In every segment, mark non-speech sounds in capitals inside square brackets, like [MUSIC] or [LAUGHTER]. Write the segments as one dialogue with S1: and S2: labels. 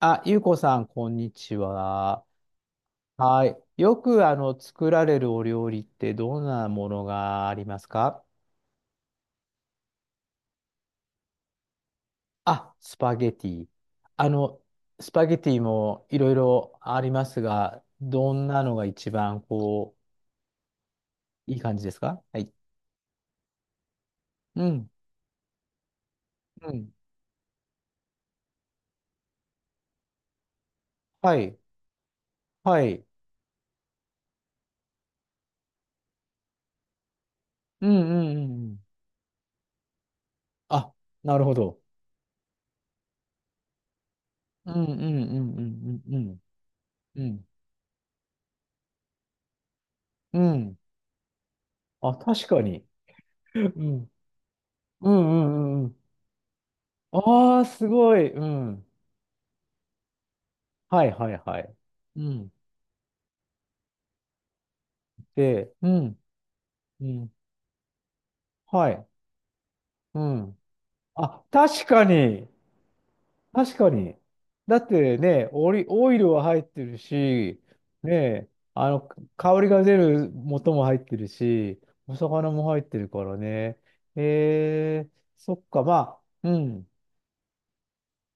S1: あ、ゆうこさん、こんにちは。はい。よく、作られるお料理ってどんなものがありますか？あ、スパゲティ。あの、スパゲティもいろいろありますが、どんなのが一番、いい感じですか？はい。うん。うん。はい。はい。うん、うん、うんうん。あ、なるほど。うん、うん、うん、うん、うん、うん。うん。うん。あ、確かに。うん。うん、うん、うんうん。ああ、すごい。うん。はいはいはい。うん。で、うん。うん。はい。うん。あ、確かに。確かに。だってね、オイルは入ってるし、ね、あの、香りが出る元も入ってるし、お魚も入ってるからね。えー、そっか、まあ、うん。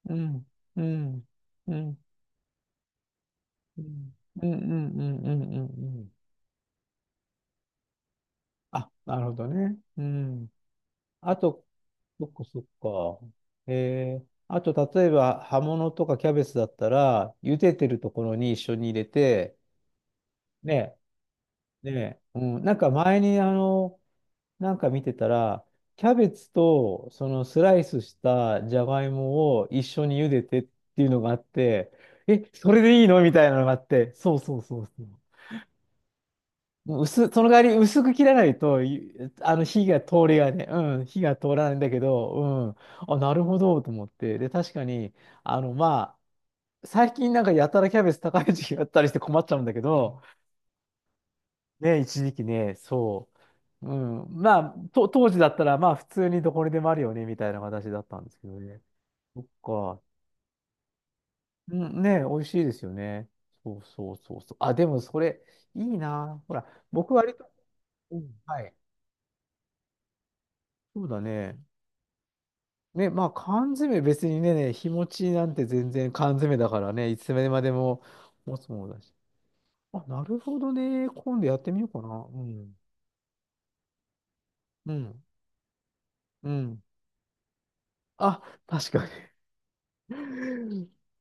S1: うん。うん。うん。うん。うん。うん。うん。うん。うんうん。あ、なるほどね。うん。あと、そっかそっか。あと、例えば、葉物とかキャベツだったら、茹でてるところに一緒に入れて、ね、ね、うん、なんか前に、なんか見てたら、キャベツと、そのスライスしたじゃがいもを一緒に茹でてっていうのがあって、え、それでいいのみたいなのがあって、そうそうそうそう。その代わり薄く切らないと、火が通りがね、うん、火が通らないんだけど、うん、あ、なるほどと思って、で、確かに、まあ、最近なんかやたらキャベツ高い時期があったりして困っちゃうんだけど、ね、一時期ね、そう、うん、まあ、当時だったら、まあ、普通にどこにでもあるよね、みたいな形だったんですけどね。そっか、うん、ね、美味しいですよね。そうそうそうそう。あ、でもそれ、いいな。ほら、僕割と、うん、はい、そうだね。ね、まあ缶詰別にね、日持ちなんて全然缶詰だからね、いつまでも持つものだし。あ、なるほどね。今度やってみようかな。うん。うん。うん。あ、確かに。[LAUGHS]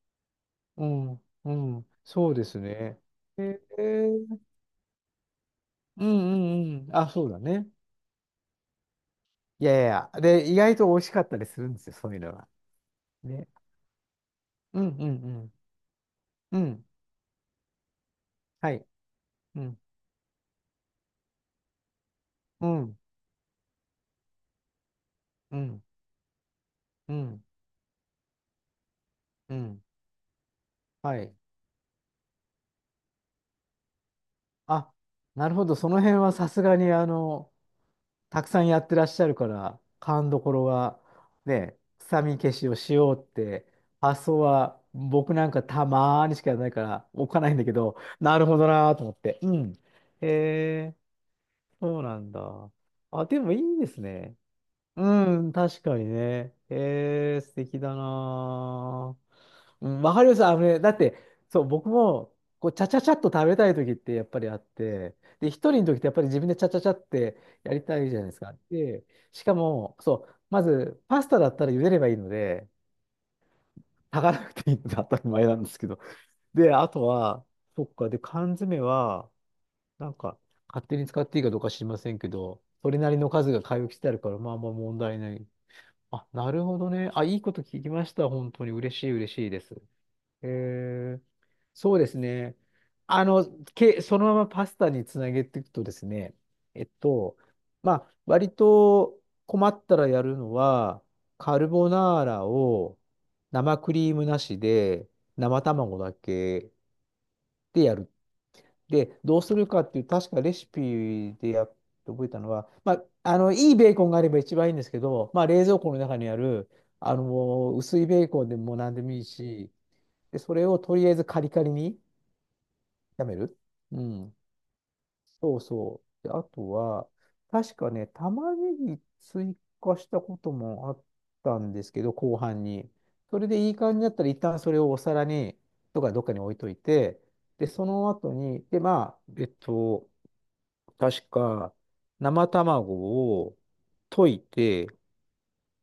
S1: うん。うん。そうですね。えー、うんうんうん。あ、そうだね。いやいやいや。で、意外と美味しかったりするんですよ、そういうのが。ね。うんうんうん。うん。はい。うん。うん。うん。うん。うん。はい。あ、なるほど。その辺はさすがに、たくさんやってらっしゃるから、勘どころは、ね、臭み消しをしようって、発想は僕なんかたまーにしかやらないから、置かないんだけど、なるほどなーと思って。うん。へえ、そうなんだ。あ、でもいいですね。うん、確かにね。へえ、素敵だなー。うん、わかります。あのね、だって、そう、僕も、こう、ちゃちゃちゃっと食べたい時ってやっぱりあって、で、一人の時ってやっぱり自分でちゃちゃちゃってやりたいじゃないですか。で、しかも、そう、まず、パスタだったら茹でればいいので、炊かなくていいので当たり前なんですけど。で、あとは、そっか、で、缶詰は、なんか、勝手に使っていいかどうか知りませんけど、それなりの数が買い置きしてあるから、まあまあ問題ない。あ、なるほどね。あ、いいこと聞きました。本当に嬉しい、嬉しいです。えー、そうですね。あの、そのままパスタにつなげていくとですね、えっと、まあ、割と困ったらやるのは、カルボナーラを生クリームなしで、生卵だけでやる。で、どうするかっていう、確かレシピで覚えたのは、まあ、いいベーコンがあれば一番いいんですけど、まあ、冷蔵庫の中にある、薄いベーコンでも何でもいいし、で、それをとりあえずカリカリに炒める。うん。そうそう。で、あとは、確かね、玉ねぎ追加したこともあったんですけど、後半に。それでいい感じだったら、一旦それをお皿に、とかどっかに置いといて、で、その後に、で、まあ、確か、生卵を溶いて、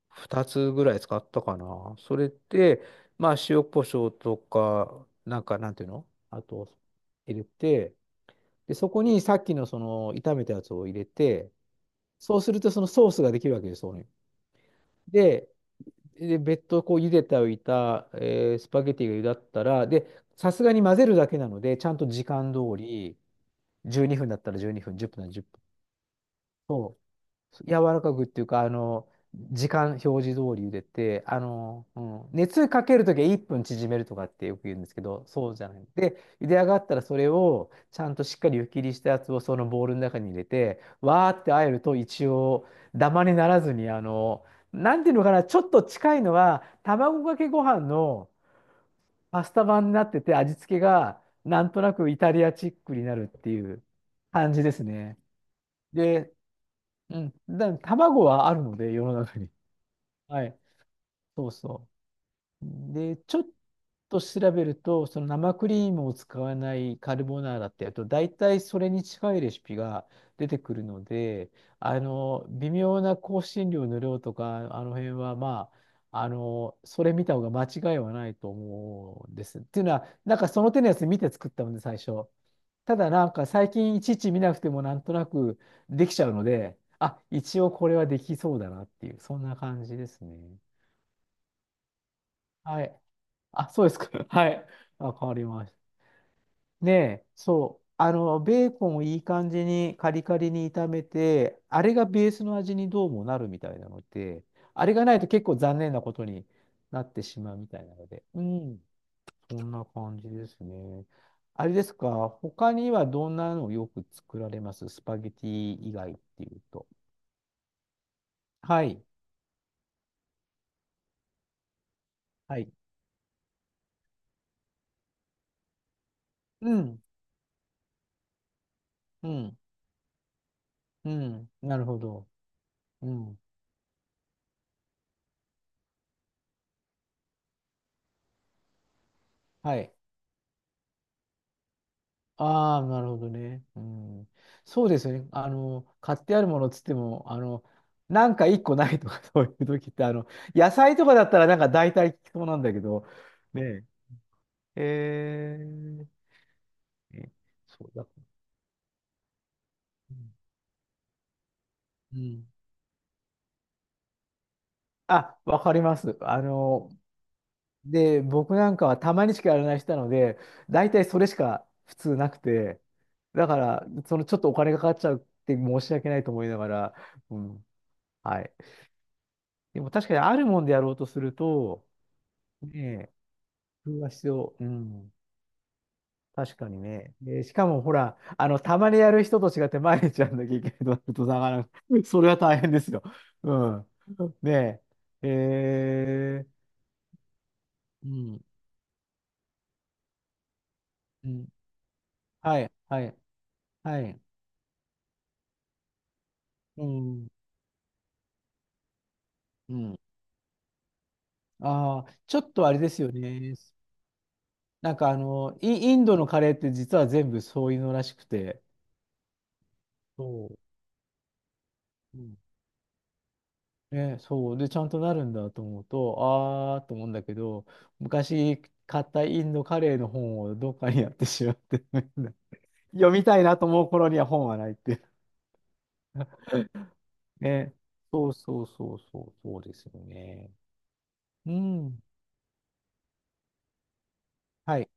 S1: 2つぐらい使ったかな。それで、まあ、塩コショウとか、なんか、なんていうのあと、入れて、で、そこにさっきのその炒めたやつを入れて、そうするとそのソースができるわけです、そこに。で、で、別途こう茹でておいた、スパゲティが茹だったら、で、さすがに混ぜるだけなので、ちゃんと時間通り、12分だったら12分、1分なら10分。柔らかくっていうか、時間表示通り茹でて、うん、熱かけるときは1分縮めるとかってよく言うんですけど、そうじゃない。で、茹で上がったらそれをちゃんとしっかり湯切りしたやつをそのボウルの中に入れて、わーってあえると一応ダマにならずに、なんていうのかな、ちょっと近いのは、卵かけご飯のパスタ版になってて、味付けがなんとなくイタリアチックになるっていう感じですね。で、うん。だから卵はあるので、世の中に。はい。そうそう。で、ちょっと調べると、その生クリームを使わないカルボナーラってやると、大体それに近いレシピが出てくるので、微妙な香辛料の量とか、あの辺は、まあ、それ見た方が間違いはないと思うんです。っていうのは、なんかその手のやつ見て作ったので、最初。ただなんか最近いちいち見なくてもなんとなくできちゃうので、あ、一応これはできそうだなっていう、そんな感じですね。はい。あ、そうですか。[LAUGHS] はい。わかりました。ねえ、そう。ベーコンをいい感じにカリカリに炒めて、あれがベースの味にどうもなるみたいなので、あれがないと結構残念なことになってしまうみたいなので。うん。こんな感じですね。あれですか、他にはどんなのをよく作られますスパゲティ以外っていうと？はい。はい。うん。うん。うん。なるほど。うん。はい。ああ、なるほどね。うん。そうですよね。買ってあるものっつっても、なんか一個ないとか [LAUGHS] そういう時って、野菜とかだったらなんか大体聞きそうなんだけど、ねえ。ねそうだ。うん。うん。あ、わかります。で、僕なんかはたまにしかやらない人なので、大体それしか普通なくて、だから、そのちょっとお金がかかっちゃうって申し訳ないと思いながら、うん、はい。でも確かにあるもんでやろうとすると、ねえ、工夫が必要。うん、確かにね。でしかもほら、たまにやる人と違って毎日やんなきゃいけないとなると、なかなか、[LAUGHS] それは大変ですよ。うん。ねえ。うん。うん。はい、はい。はい。うん。うん。ああ、ちょっとあれですよね。なんかインドのカレーって実は全部そういうのらしくて。そう。うん。ね、そう。で、ちゃんとなるんだと思うと、ああ、と思うんだけど、昔買ったインドカレーの本をどっかにやってしまって、[LAUGHS] 読みたいなと思う頃には本はないっていう。[LAUGHS] ね。そうそうそうそう、そうですよね。うん。はい。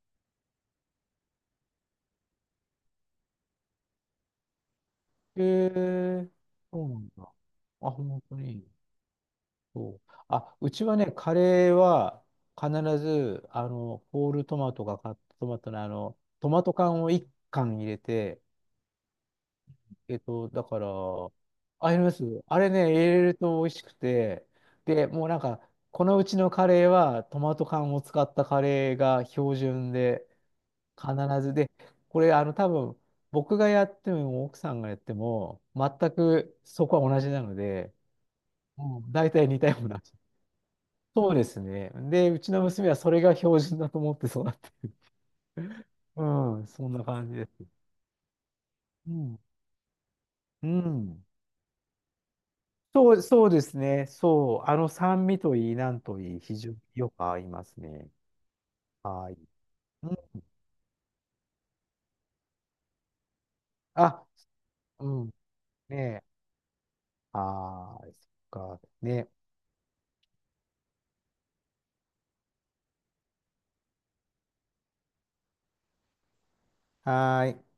S1: えー、そうなんだ。あ、本当に。そう。あ、うちはね、カレーは必ず、ホールトマトがカットトマトのトマト缶を1缶入れて、だから、あ、ります。あれね、入れると美味しくて、で、もうなんか、このうちのカレーはトマト缶を使ったカレーが標準で、必ずで、これ、多分、僕がやっても奥さんがやっても、全くそこは同じなので、うん、大体似たような。そうですね。で、うちの娘はそれが標準だと思って育って。うん、[LAUGHS] そんな感じです。うん。うん。そう、そうですね。そう。あの酸味といい、なんといい、非常によく合いますね。はい。うん、あ、うん。ねえ。はーい。そっか。ね。はーい。